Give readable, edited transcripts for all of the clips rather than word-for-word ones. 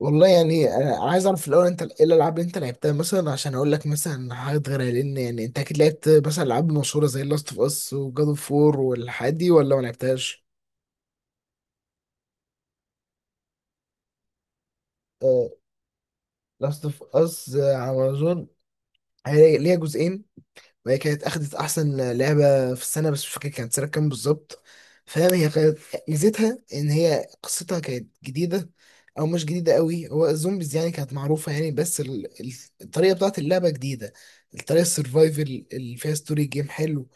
والله يعني أنا عايز اعرف الاول انت ايه الالعاب اللي انت لعبتها مثلا عشان اقول لك مثلا حاجات غيرها لان يعني انت اكيد لعبت مثلا العاب مشهوره زي لاست اوف اس وجاد اوف وور والحاجات دي ولا ما لعبتهاش؟ لاست اوف اس على امازون. هي ليها جزئين، وهي كانت أخدت أحسن لعبة في السنة بس مش فاكر كانت سنة كام بالظبط. فاهم، هي كانت ميزتها إن هي قصتها كانت جديدة، أو مش جديدة قوي، هو الزومبيز يعني كانت معروفة يعني، بس الطريقة بتاعت اللعبة جديدة، الطريقة السرفايفل اللي فيها ستوري جيم حلو.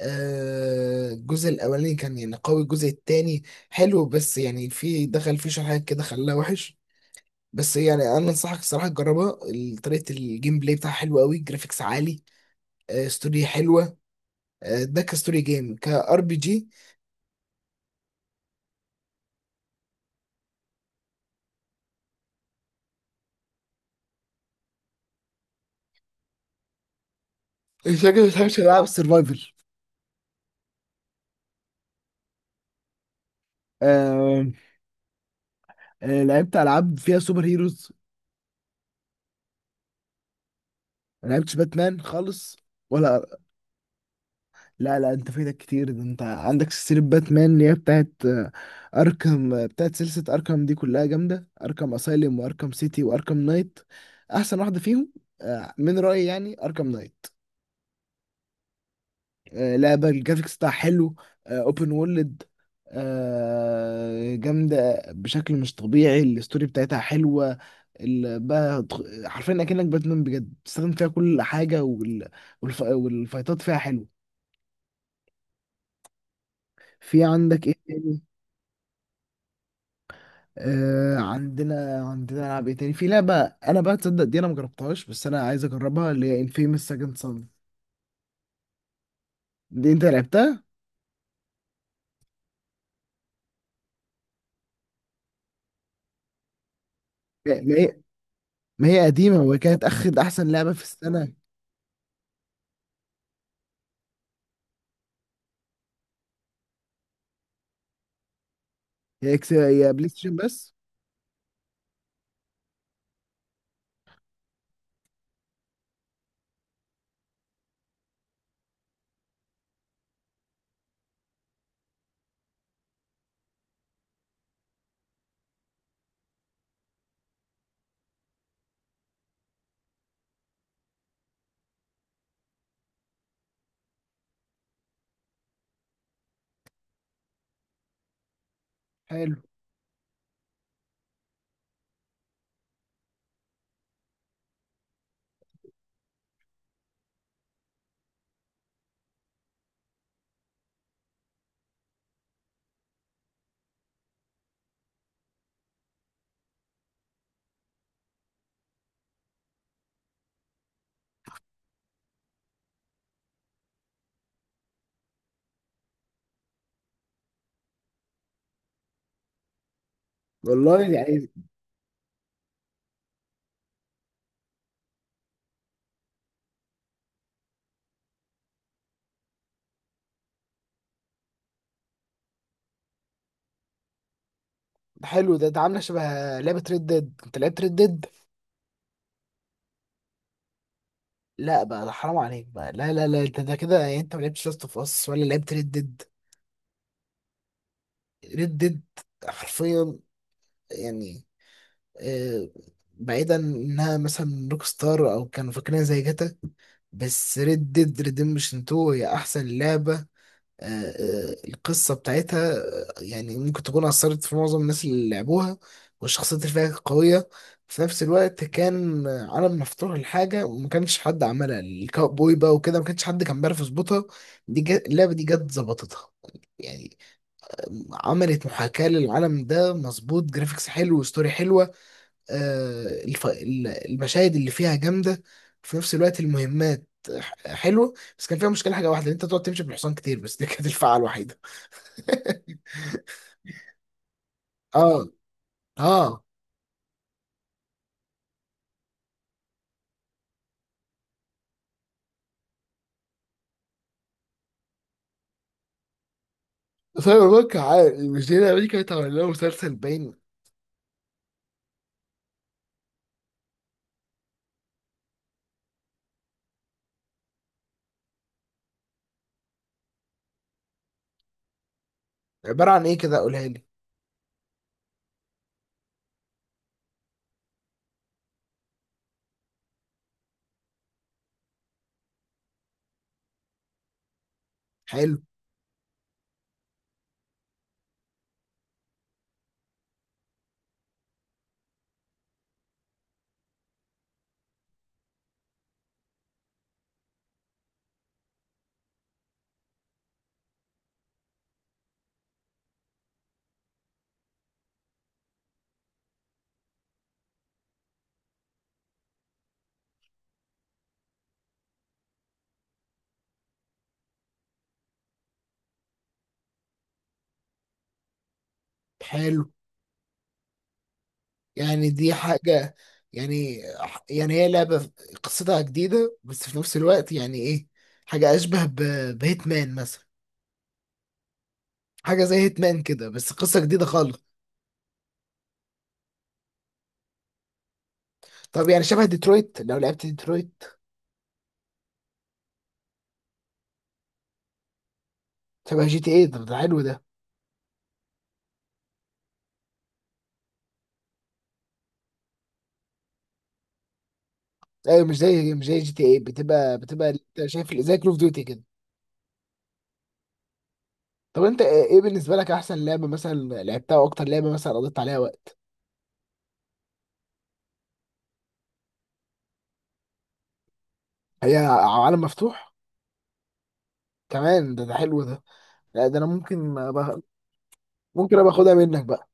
الجزء الأولاني كان يعني قوي. الجزء التاني حلو بس يعني في، دخل فيه شوية حاجات كده خلاها وحش، بس يعني أنا أنصحك الصراحة تجربها. طريقة الجيم بلاي بتاعها حلوة قوي، جرافيكس عالي، ستوري حلوة، ده كستوري جيم كار بي جي. مش فاكر، مش عارف، العاب سرفايفل. آه، لعبت العاب فيها سوبر هيروز. ما لعبتش باتمان خالص، ولا، لا لا انت فايتك كتير، ده انت عندك سلسله باتمان اللي هي بتاعت اركم، بتاعت سلسله اركم دي كلها جامده، اركم اسايلم واركم سيتي واركم نايت. احسن واحده فيهم من رايي يعني اركم نايت. لعبة الجرافيكس بتاعها حلو، اوبن وورلد، جامدة بشكل مش طبيعي. الستوري بتاعتها حلوة، ال- بقى تخ- حرفيا اكنك باتمان بجد، بتستخدم فيها كل حاجة، والفايتات فيها حلوة. في عندك ايه تاني؟ آه، عندنا العاب ايه تاني. في لعبة انا بقى تصدق دي انا مجربتهاش بس انا عايز اجربها، اللي هي انفيمس سكند صن. دي انت لعبتها؟ ما ما هي ما هي قديمة وكانت اخد احسن لعبة في السنة. هي اكس، هي بلاي ستيشن بس. حلو. والله يعني، حلو ده، ده عامله شبه لعبه ريد ديد. انت لعبت ريد ديد؟ لا بقى، ده حرام عليك بقى. لا انت ده كده يعني انت ما لعبتش لاست اوف اس ولا لعبت ريد ديد. ريد ديد حرفيا، يعني، آه، بعيدا انها مثلا روك ستار او كانوا فاكرينها زي جاتا، بس ريد ديد ريديمشن 2 هي احسن لعبه. آه، القصة بتاعتها يعني ممكن تكون أثرت في معظم الناس اللي لعبوها، والشخصيات اللي فيها قوية. في نفس الوقت كان عالم مفتوح لحاجة وما كانش حد عملها، الكاوبوي بقى وكده ما كانش حد كان بيعرف يظبطها. دي جت اللعبة دي جت ظبطتها، يعني عملت محاكاة للعالم ده مظبوط، جرافيكس حلو وستوري حلوة. المشاهد اللي فيها جامدة. في نفس الوقت المهمات حلوة، بس كان فيها مشكلة حاجة واحدة، إن أنت تقعد تمشي بالحصان كتير، بس دي كانت الفعة الوحيدة. اه، اه. سايبر بانك، عارف، مش دي اللي كانت عامله له مسلسل باين؟ عباره عن ايه كده، قولها لي. حلو. حلو يعني، دي حاجه يعني، يعني هي لعبه قصتها جديده بس في نفس الوقت يعني ايه، حاجه اشبه بهيتمان مثلا. حاجه زي هيتمان كده بس قصه جديده خالص. طب يعني شبه ديترويت، لو لعبت ديترويت. شبه جي تي ايه، ده ده حلو ده. ايوه، مش زي جي تي ايه، بتبقى أنت شايف زي كول اوف ديوتي كده. طب انت ايه، إيه بالنسبه لك احسن لعبه مثلا لعبتها، واكتر لعبه مثلا قضيت عليها وقت. هي عالم مفتوح كمان، ده ده حلو ده. لا ده انا ممكن أبقى، ممكن ابقى اخدها منك بقى.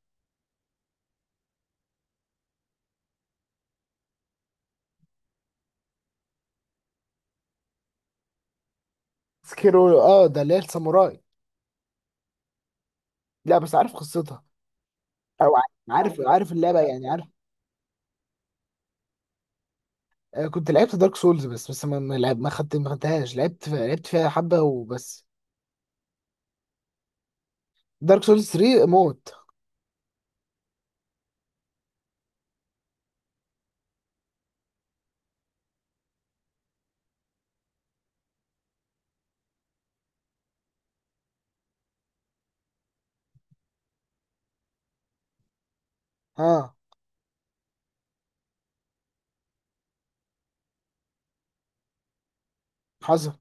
سكيرو، اه، ده اللي هي الساموراي. لا بس عارف قصتها، او ع- عارف، عارف اللعبه يعني، عارف. كنت لعبت دارك سولز بس، بس ما خدتهاش، لعبت فيها حبه وبس. دارك سولز 3 موت. اه، حصل.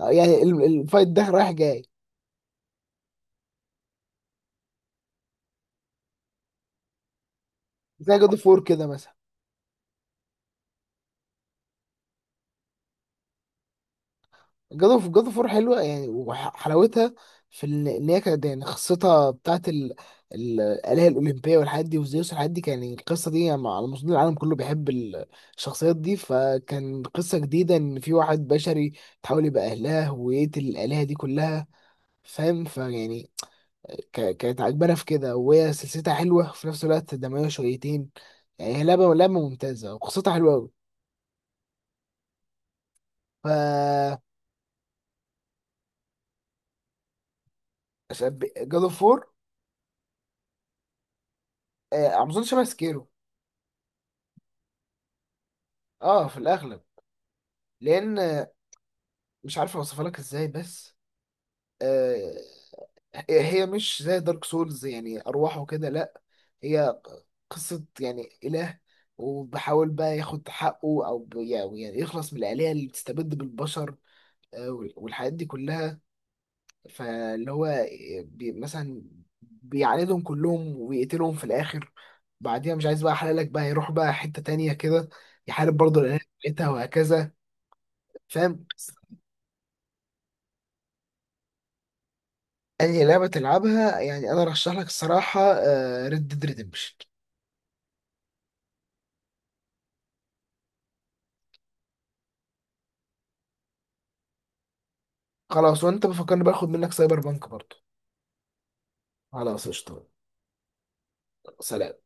يعني الفايت ده رايح جاي، زي جود اوف وور كده مثلا. جاد اوف وور حلوه يعني، وحلاوتها في ان، إن هي كانت يعني قصتها بتاعت الآلهة الأولمبية والحاجات دي وزيوس والحاجات دي، كان يعني القصة دي يعني على مستوى العالم كله بيحب الشخصيات دي. فكان قصة جديدة، إن في واحد بشري تحاول يبقى أهلها ويقتل الآلهة دي كلها. فاهم، فيعني كانت عجبانة في كده، وهي سلسلتها حلوة، في نفس الوقت دموية شويتين. يعني هي لعبة ممتازة وقصتها حلوة أوي. ف جاد اوف وور على مستوى شبه سكيرو. اه في الاغلب، لان مش عارف اوصفها لك ازاي بس، آه، هي مش زي دارك سولز يعني ارواحه كده، لا، هي قصة يعني اله، وبحاول بقى ياخد حقه او يعني يخلص من الآلهة اللي بتستبد بالبشر، والحاجات دي كلها. فاللي هو بي مثلا بيعاندهم كلهم ويقتلهم في الآخر. بعديها مش عايز بقى احللك بقى يروح بقى حتة تانية كده، يحارب برضه الآلهة بتاعتها وهكذا. فاهم. انهي لعبة تلعبها، يعني انا رشح لك الصراحة ريد ديد ريدمشن. خلاص، وانت بفكرني باخد منك سايبر بانك برضو. خلاص قشطة. سلام.